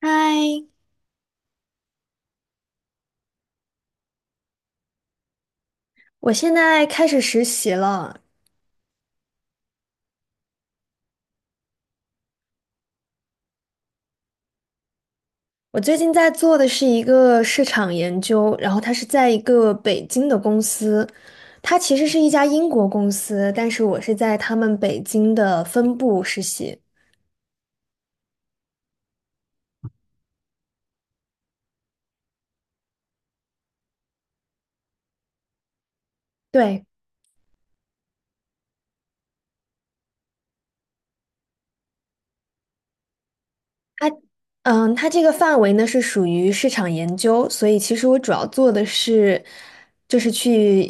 嗨，我现在开始实习了。我最近在做的是一个市场研究，然后它是在一个北京的公司，它其实是一家英国公司，但是我是在他们北京的分部实习。对，它它这个范围呢是属于市场研究，所以其实我主要做的是，就是去，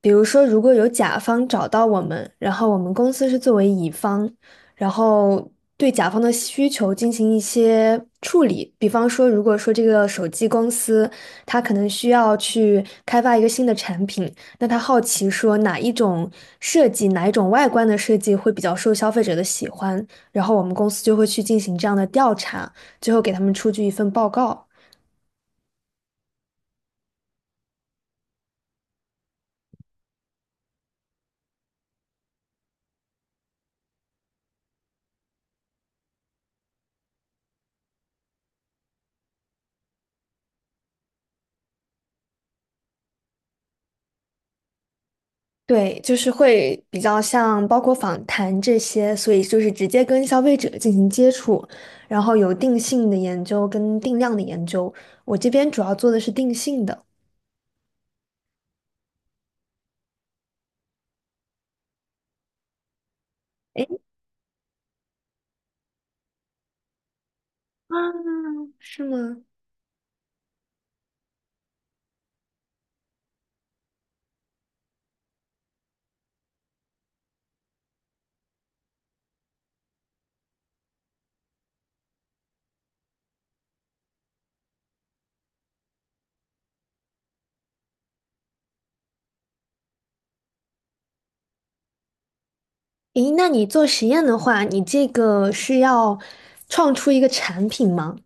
比如说如果有甲方找到我们，然后我们公司是作为乙方，然后对甲方的需求进行一些处理，比方说如果说这个手机公司它可能需要去开发一个新的产品，那他好奇说哪一种设计，哪一种外观的设计会比较受消费者的喜欢，然后我们公司就会去进行这样的调查。最后给他们出具一份报告。对，就是会比较像包括访谈这些，所以就是直接跟消费者进行接触，然后有定性的研究跟定量的研究。我这边主要做的是定性的。诶，是吗？诶，那你做实验的话，你这个是要创出一个产品吗？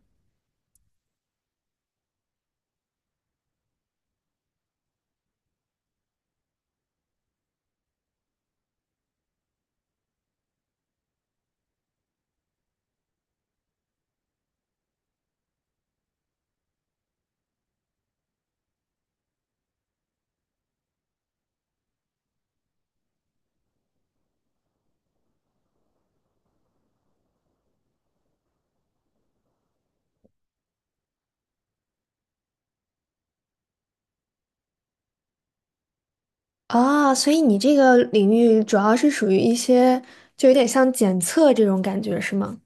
啊，所以你这个领域主要是属于一些，就有点像检测这种感觉，是吗？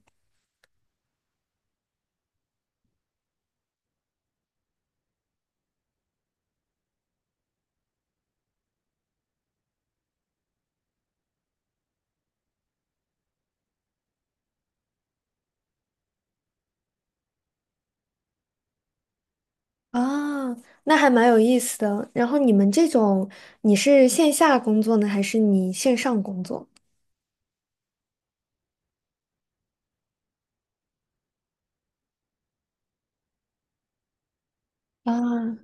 啊，那还蛮有意思的。然后你们这种，你是线下工作呢，还是你线上工作？啊，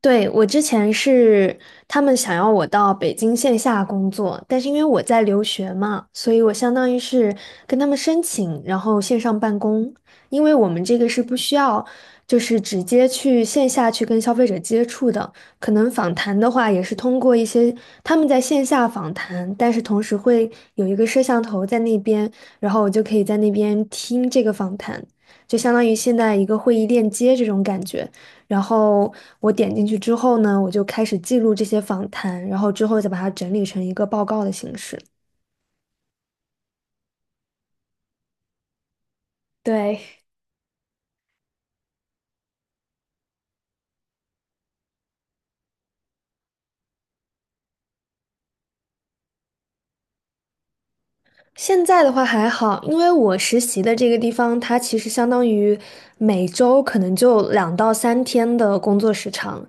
对，我之前是他们想要我到北京线下工作，但是因为我在留学嘛，所以我相当于是跟他们申请，然后线上办公。因为我们这个是不需要，就是直接去线下去跟消费者接触的，可能访谈的话也是通过一些他们在线下访谈，但是同时会有一个摄像头在那边，然后我就可以在那边听这个访谈，就相当于现在一个会议链接这种感觉。然后我点进去之后呢，我就开始记录这些访谈，然后之后再把它整理成一个报告的形式。对，现在的话还好，因为我实习的这个地方，它其实相当于每周可能就2到3天的工作时长，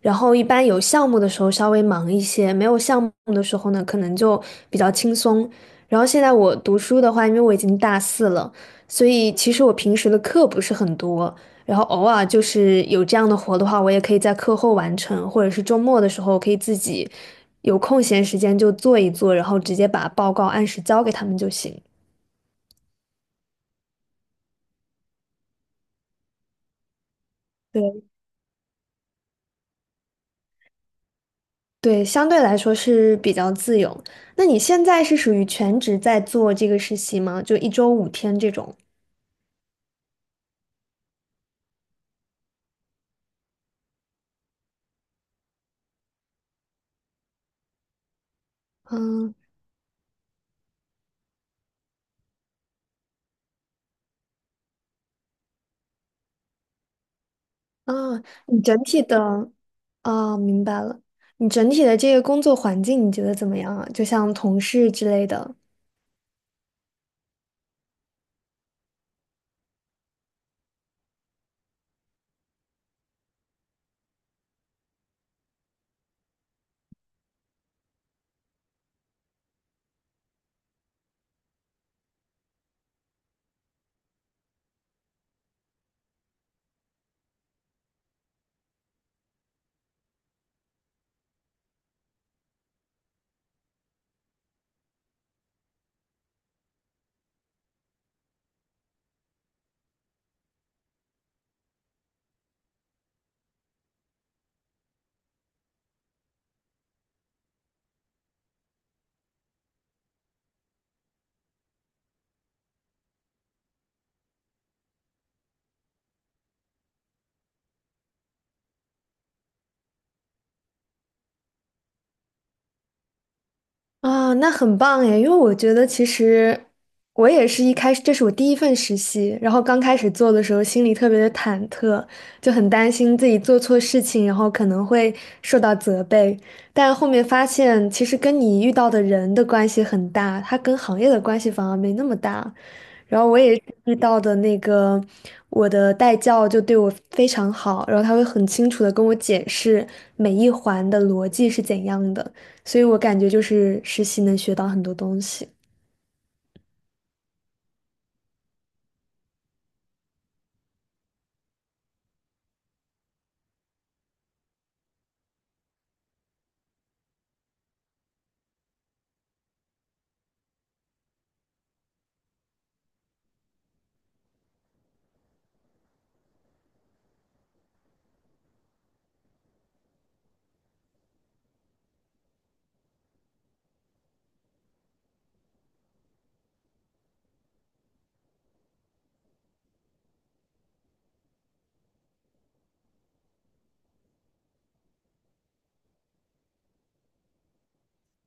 然后一般有项目的时候稍微忙一些，没有项目的时候呢，可能就比较轻松。然后现在我读书的话，因为我已经大四了，所以其实我平时的课不是很多，然后偶尔就是有这样的活的话，我也可以在课后完成，或者是周末的时候可以自己有空闲时间就做一做，然后直接把报告按时交给他们就行。对对，相对来说是比较自由。那你现在是属于全职在做这个实习吗？就一周5天这种？嗯。啊，你整体的啊，明白了。你整体的这个工作环境你觉得怎么样啊？就像同事之类的。啊，那很棒耶！因为我觉得其实我也是一开始，这是我第一份实习，然后刚开始做的时候心里特别的忐忑，就很担心自己做错事情，然后可能会受到责备。但后面发现，其实跟你遇到的人的关系很大，它跟行业的关系反而没那么大。然后我也遇到的那个我的代教就对我非常好，然后他会很清楚的跟我解释每一环的逻辑是怎样的。所以我感觉就是实习能学到很多东西。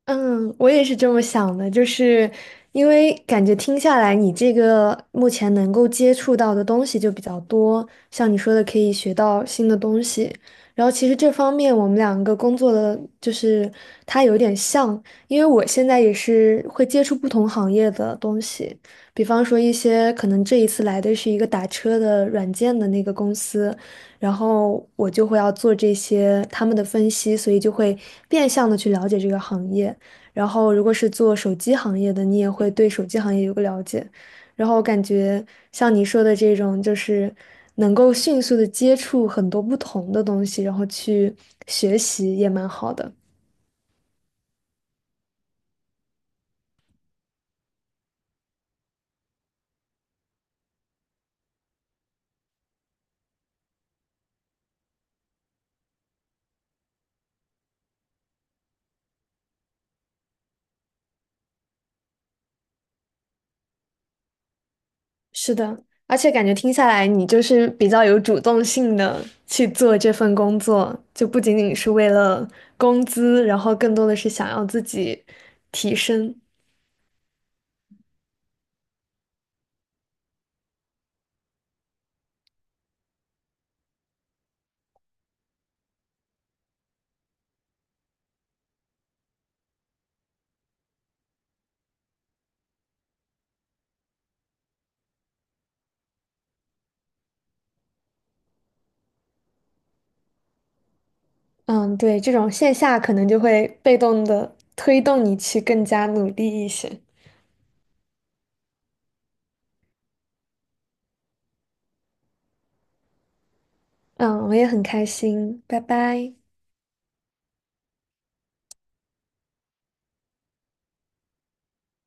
嗯，我也是这么想的，就是因为感觉听下来，你这个目前能够接触到的东西就比较多，像你说的可以学到新的东西。然后其实这方面我们两个工作的就是它有点像，因为我现在也是会接触不同行业的东西，比方说一些可能这一次来的是一个打车的软件的那个公司，然后我就会要做这些他们的分析，所以就会变相的去了解这个行业。然后如果是做手机行业的，你也会对手机行业有个了解。然后我感觉像你说的这种，就是能够迅速的接触很多不同的东西，然后去学习也蛮好的。是的，而且感觉听下来，你就是比较有主动性的去做这份工作，就不仅仅是为了工资，然后更多的是想要自己提升。嗯，对，这种线下可能就会被动的推动你去更加努力一些。嗯，我也很开心，拜拜。